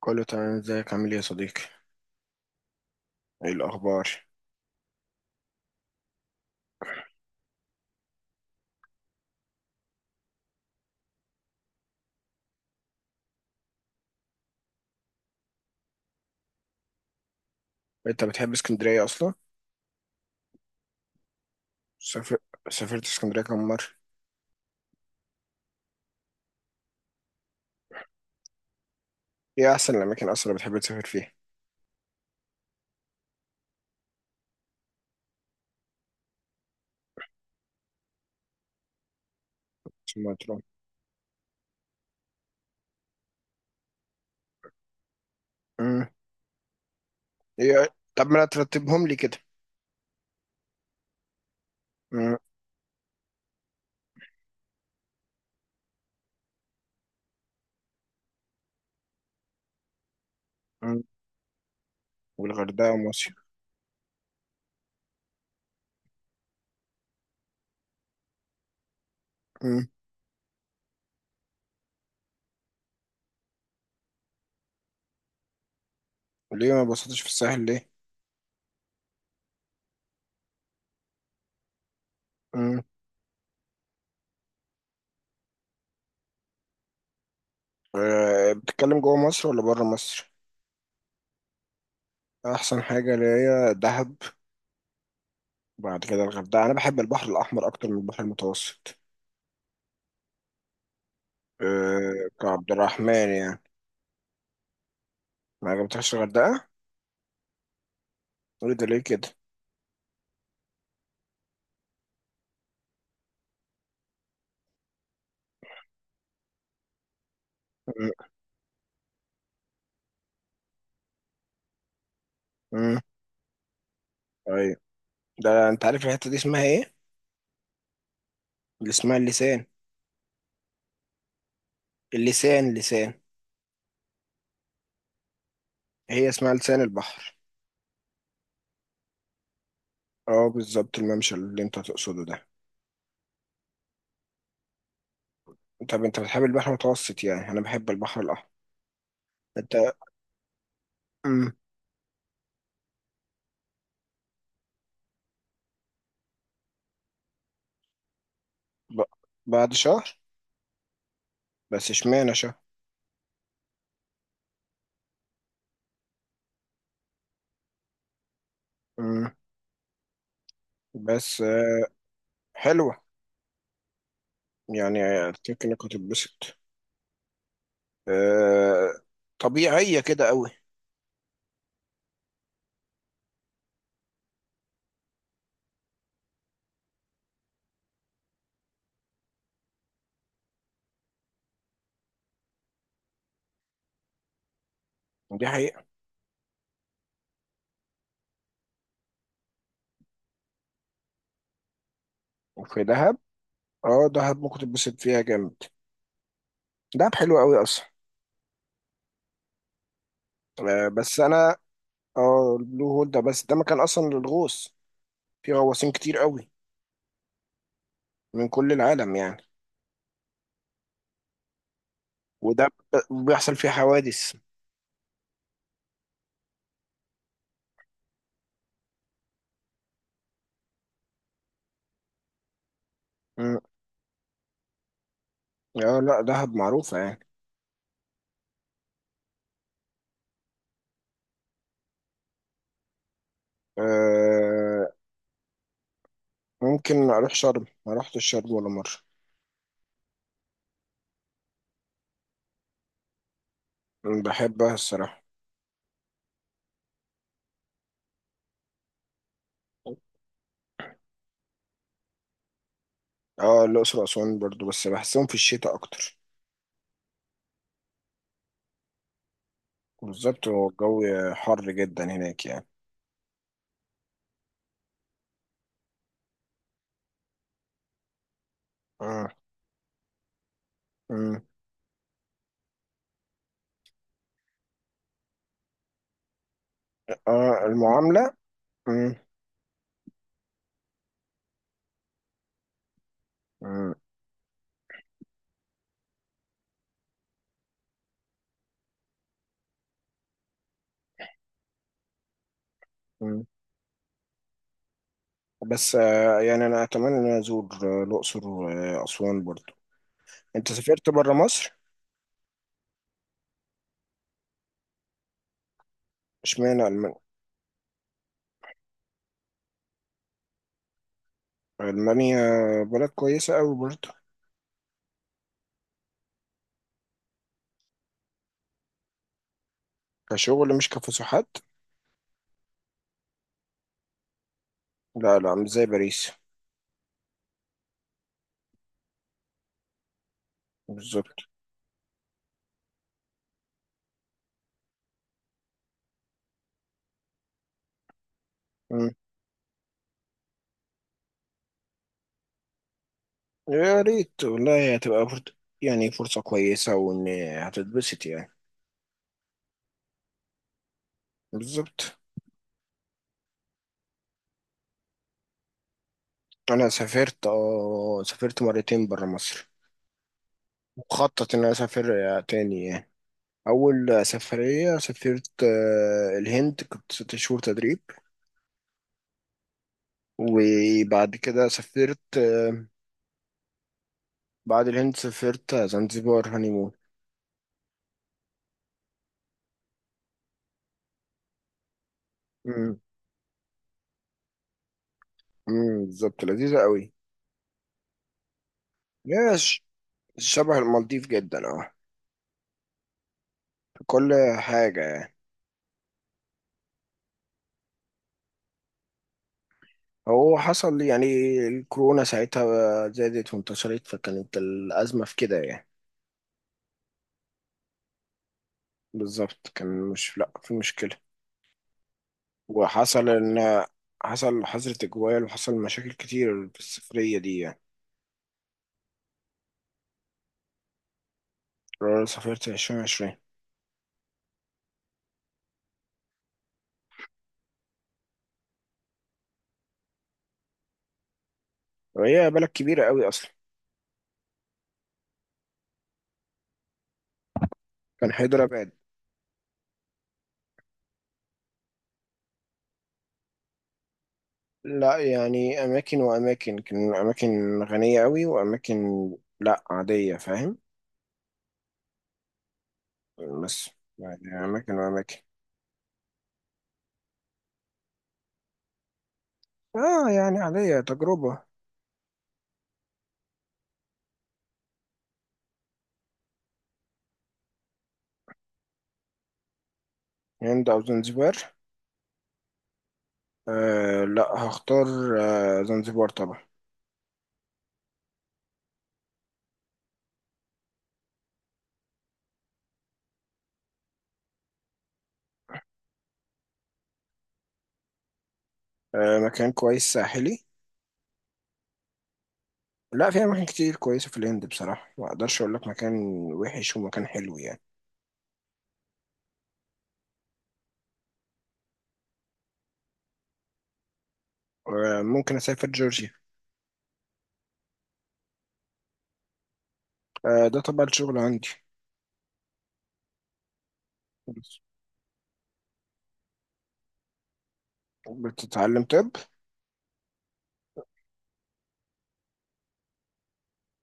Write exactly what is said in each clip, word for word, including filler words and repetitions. كله تمام. ازيك؟ عامل ايه يا صديقي؟ ايه الاخبار؟ انت بتحب اسكندريه اصلا؟ سافر... سافرت اسكندريه كم مره؟ ايه احسن الاماكن اصلا اللي بتحب تسافر فيها؟ ثم تروح؟ امم. ايه؟ طب ما ترتبهم لي كده. امم. امم والغردقه ومصر؟ امم. ليه ما بسطتش في الساحل ليه؟ امم. أه، بتتكلم جوه مصر ولا بره مصر؟ احسن حاجه اللي هي دهب. وبعد كده الغردقه. انا بحب البحر الاحمر اكتر من البحر المتوسط. أه، كعبد الرحمن يعني. ما عجبتكش الغردقه؟ قول ده ليه كده. امم. ايوه. ده انت عارف الحته دي اسمها ايه؟ اللي اسمها اللسان اللسان لسان. هي اسمها لسان البحر. اه، بالظبط. الممشى اللي انت تقصده ده. طب انت بتحب البحر المتوسط؟ يعني انا بحب البحر الاحمر. انت؟ امم. ب... بعد شهر؟ بس اشمعنى شهر؟ امم. بس. آه، حلوه يعني. افتكر انك هتتبسط. آه... طبيعيه كده قوي. دي حقيقه. وفي دهب، اه دهب ممكن تتبسط فيها جامد. دهب حلوه قوي اصلا. آه، بس انا اه البلو هول ده. بس ده مكان اصلا للغوص. في غواصين كتير قوي، من كل العالم يعني. وده ب- بيحصل فيه حوادث. مم. اه، لا دهب معروفة يعني. آه، ممكن اروح شرم. ما رحتش شرم ولا مرة. مم، بحبها الصراحة. اه، الاقصر واسوان برضو. بس بحسهم في الشتاء اكتر. بالظبط. هو الجو حر جدا هناك يعني. مم. مم. اه، المعاملة. مم. مم. مم. بس آه يعني انا اتمنى ان أنا ازور آه، الاقصر واسوان برضو. انت سافرت بره مصر؟ اشمعنى المانيا؟ المانيا بلد كويسه قوي برضه. كشغل مش كفسحات؟ لا، لا، مش زي باريس. بالظبط. مم. يا ريت والله. هتبقى فرصة، يعني فرصه كويسه، وان هتتبسط يعني. بالظبط. انا سافرت، اه سافرت مرتين بره مصر. مخطط ان انا اسافر تاني يعني. اول سفريه سافرت آه، الهند، كنت ست شهور تدريب. وبعد كده سافرت آه، بعد الهند سافرت زنزبار هانيمون. امم. امم بالظبط. لذيذة قوي. هي ش- شبه المالديف جدا، اه. في كل حاجة يعني. هو حصل لي يعني الكورونا ساعتها زادت وانتشرت، فكانت الأزمة في كده يعني. بالظبط. كان مش، لا، في مشكلة. وحصل إن حصل حظر تجوال، وحصل مشاكل كتير في السفرية دي يعني. أنا سافرت ألفين وعشرين. وهي بلد كبيرة قوي أصلا. كان حيدراباد. لا يعني، أماكن وأماكن. كان أماكن غنية أوي، وأماكن لا، عادية، فاهم. بس يعني أماكن وأماكن. آه، يعني عادية تجربة. هند أو زنزبار؟ آه، لا، هختار آه زنزبار طبعا. آه، مكان كويس ساحلي. لا، في أماكن كتير كويسة في الهند بصراحة. ما أقدرش أقول لك مكان وحش ومكان حلو يعني. آه، ممكن أسافر جورجيا. آه، ده طبعا الشغل عندي. بتتعلم طب؟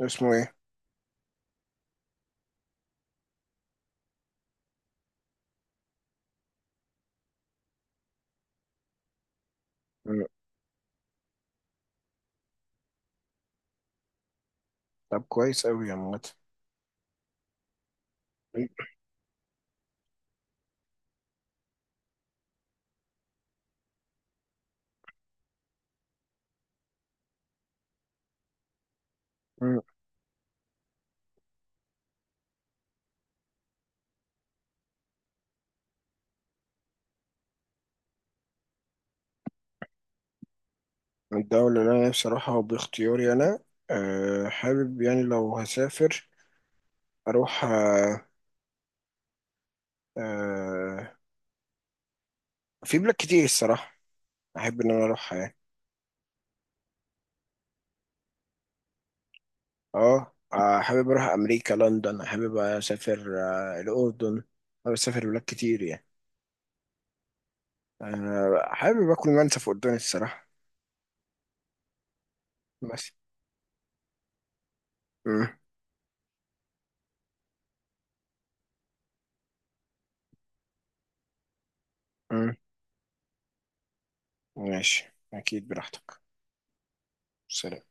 اسمه إيه؟ مم، طب كويس أوي يا عمت. مم. الدولة اللي أنا نفسي أروحها وباختياري أنا؟ أه، حابب يعني لو هسافر أروح أه آه، في بلاد كتير الصراحة أحب إن أنا أروحها يعني. أه، آه، حابب أروح أمريكا، لندن، حابب أسافر أه الأردن. حابب أسافر بلاد كتير يعني. أه، حابب آكل منسف قدامي الصراحة. بس. مم. مم. ماشي، أكيد براحتك. سلام.